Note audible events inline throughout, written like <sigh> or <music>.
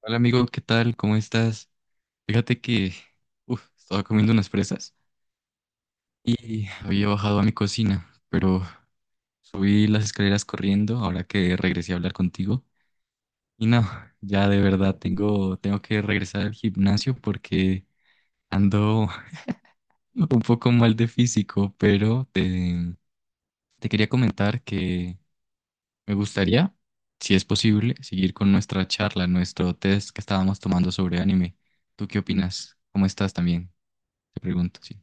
Hola amigo, ¿qué tal? ¿Cómo estás? Fíjate que uf, estaba comiendo unas fresas y <laughs> había bajado a mi cocina, pero subí las escaleras corriendo ahora que regresé a hablar contigo. Y no, ya de verdad tengo que regresar al gimnasio porque ando <laughs> un poco mal de físico, pero te quería comentar que me gustaría, si es posible, seguir con nuestra charla, nuestro test que estábamos tomando sobre anime. ¿Tú qué opinas? ¿Cómo estás también? Te pregunto, sí.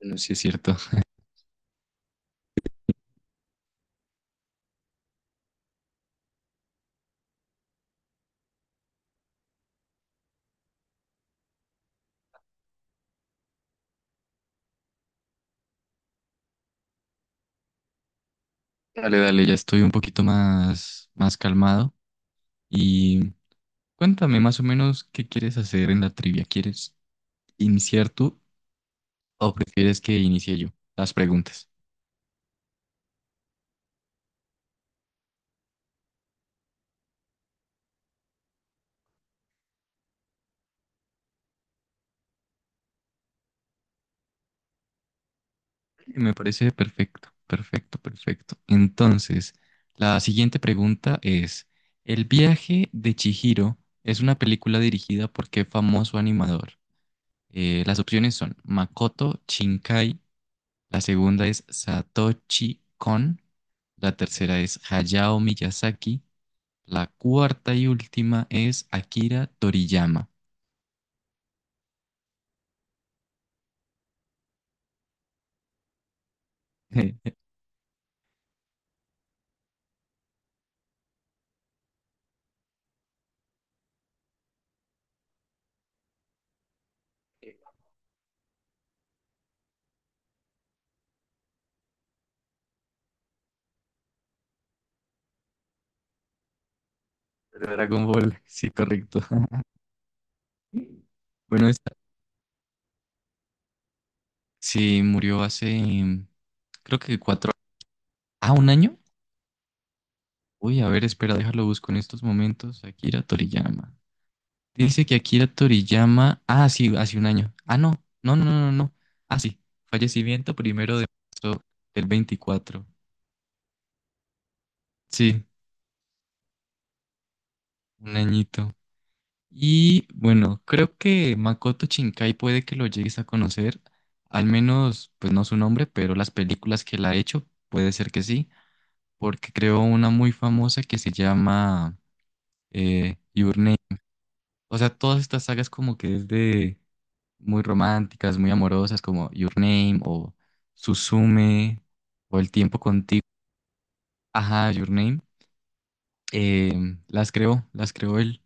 Bueno, sí es cierto. <laughs> Dale, dale, ya estoy un poquito más calmado. Y cuéntame más o menos qué quieres hacer en la trivia. ¿Quieres iniciar tú o prefieres que inicie yo las preguntas? Me parece perfecto, perfecto, perfecto. Entonces, la siguiente pregunta es, ¿el viaje de Chihiro es una película dirigida por qué famoso animador? Las opciones son Makoto Shinkai. La segunda es Satoshi Kon. La tercera es Hayao Miyazaki. La cuarta y última es Akira Toriyama. <laughs> Dragon Ball, sí, correcto. <laughs> Bueno, esta sí murió hace, creo que cuatro, un año. Uy, a ver, espera, déjalo busco en estos momentos. Akira Toriyama. Dice que Akira Toriyama, ah, sí, hace un año. Ah, no, no, no, no, no, no. Ah, sí, fallecimiento 1 de marzo del 24. Sí, un añito. Y bueno, creo que Makoto Shinkai puede que lo llegues a conocer, al menos, pues no su nombre, pero las películas que él ha hecho, puede ser que sí, porque creó una muy famosa que se llama Your Name. O sea, todas estas sagas como que es de muy románticas, muy amorosas, como Your Name o Suzume o El tiempo contigo. Ajá, Your Name. eh, las creó él.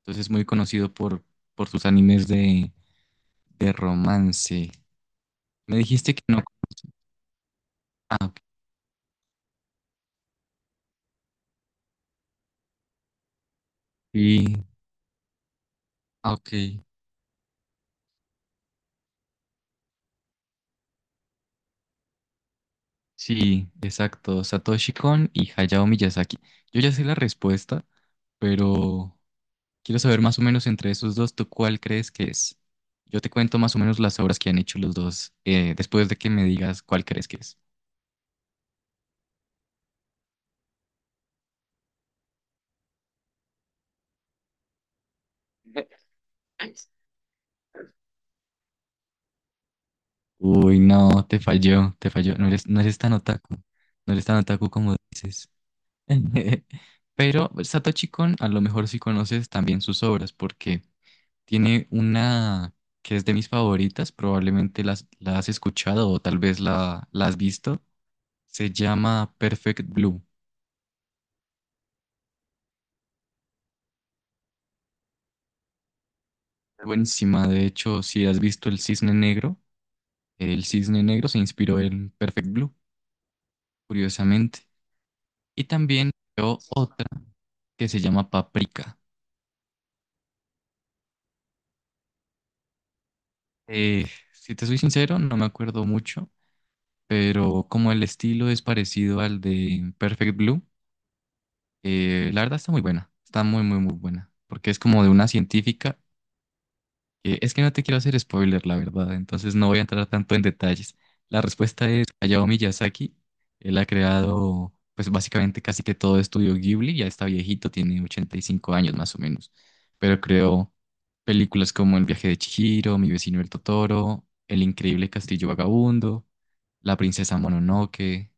Entonces es muy conocido por sus animes de romance. Me dijiste que no conoces. Ah, ok. Sí, ah, ok. Sí, exacto. Satoshi Kon y Hayao Miyazaki. Yo ya sé la respuesta, pero quiero saber más o menos entre esos dos, ¿tú cuál crees que es? Yo te cuento más o menos las obras que han hecho los dos, después de que me digas cuál crees que es. Uy, no, te falló, te falló. No eres tan otaku. No eres tan otaku como dices. <laughs> Pero Satoshi Kon, a lo mejor sí conoces también sus obras, porque tiene una que es de mis favoritas, probablemente la has escuchado o tal vez la has visto. Se llama Perfect Blue. Buenísima, de hecho, si has visto el Cisne Negro se inspiró en Perfect Blue, curiosamente. Y también creó otra que se llama Paprika. Eh, si te soy sincero, no me acuerdo mucho, pero como el estilo es parecido al de Perfect Blue, la verdad está muy buena, está muy, muy, muy buena, porque es como de una científica. Es que no te quiero hacer spoiler, la verdad, entonces no voy a entrar tanto en detalles. La respuesta es Hayao Miyazaki. Él ha creado, pues básicamente casi que todo estudio Ghibli, ya está viejito, tiene 85 años más o menos, pero creó películas como El viaje de Chihiro, Mi vecino el Totoro, El increíble castillo vagabundo, La princesa Mononoke.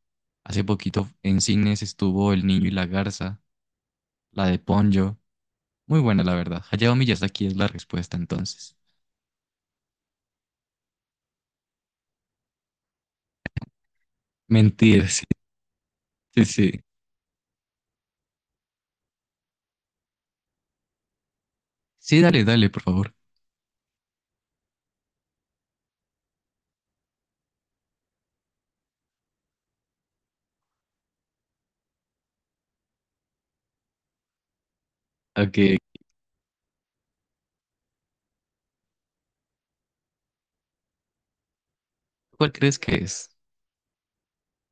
Hace poquito en cines estuvo El niño y la garza, la de Ponyo. Muy buena, la verdad. Hayao Miyazaki es la respuesta entonces. Mentir. Sí, sí. Sí, dale, dale, por favor. Okay. ¿Cuál crees que es?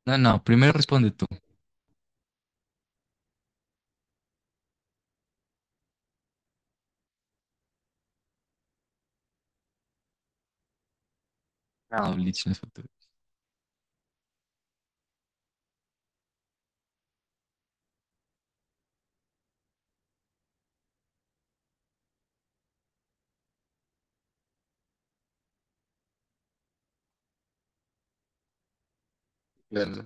No, no, primero responde tú. No, Bleach no es factura. Claro.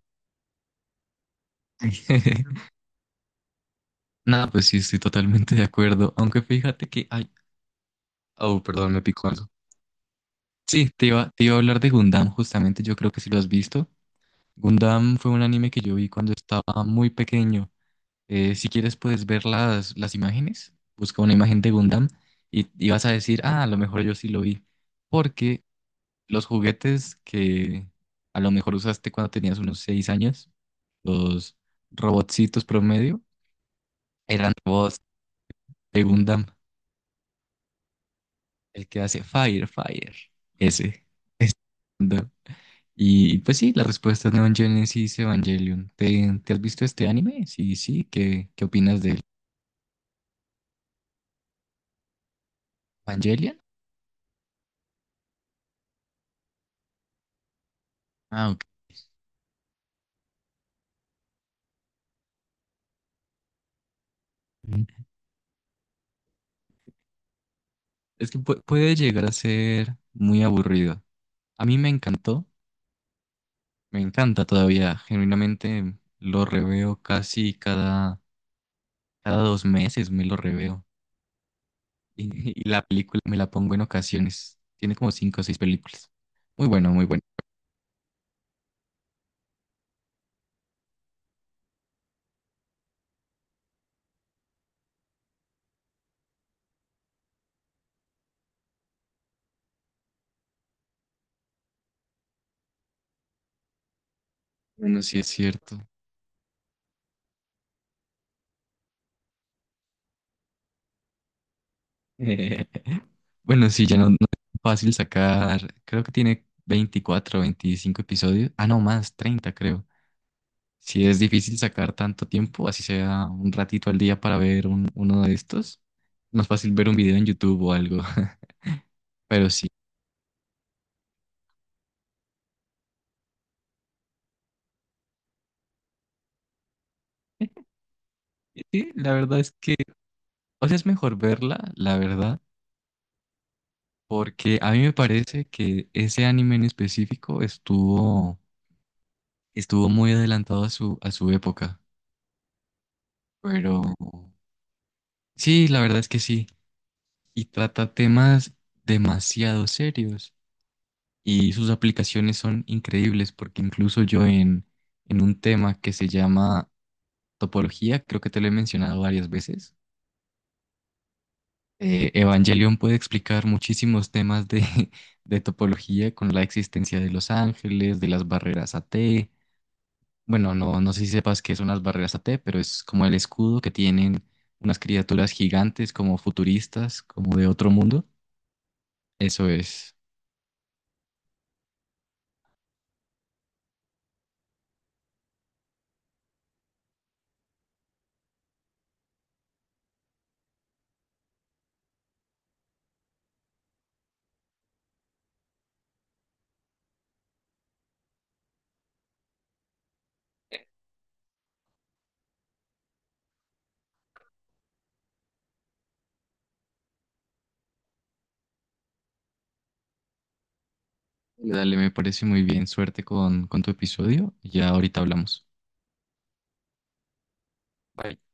<laughs> No, pues sí, estoy totalmente de acuerdo. Aunque fíjate que. Ay, oh, perdón, me picó algo. Sí, te iba a hablar de Gundam, justamente, yo creo que sí lo has visto. Gundam fue un anime que yo vi cuando estaba muy pequeño. Si quieres puedes ver las imágenes, busca una imagen de Gundam y vas a decir, ah, a lo mejor yo sí lo vi. Porque los juguetes que a lo mejor usaste cuando tenías unos 6 años, los robotcitos promedio, eran robots de Gundam, el que hace Fire, Fire, ese. Ese Gundam. Y pues sí, la respuesta es Neon Genesis Evangelion. ¿Te has visto este anime? Sí, sí, ¿qué opinas de Evangelion? Ah, ok. Mm. Es que puede llegar a ser muy aburrido. A mí me encantó, me encanta todavía, genuinamente lo reveo casi cada Cada 2 meses me lo reveo. Y la película me la pongo en ocasiones. Tiene como cinco o seis películas. Muy bueno, muy bueno. Bueno, sí es cierto. <laughs> Bueno, sí, ya no es fácil sacar. Creo que tiene 24 o 25 episodios. Ah, no, más, 30 creo. Si es difícil sacar tanto tiempo, así sea un ratito al día para ver uno de estos. Más fácil ver un video en YouTube o algo. <laughs> Pero sí. Sí, la verdad es que, o sea, es mejor verla, la verdad, porque a mí me parece que ese anime en específico estuvo, estuvo muy adelantado a su época. Pero sí, la verdad es que sí. Y trata temas demasiado serios. Y sus aplicaciones son increíbles porque incluso yo en un tema que se llama topología, creo que te lo he mencionado varias veces, Evangelion puede explicar muchísimos temas de, <laughs> de topología con la existencia de los ángeles, de las barreras AT. Bueno, no, no sé si sepas que son las barreras a T, pero es como el escudo que tienen unas criaturas gigantes, como futuristas, como de otro mundo. Eso es. Dale, me parece muy bien. Suerte con tu episodio. Ya ahorita hablamos. Bye.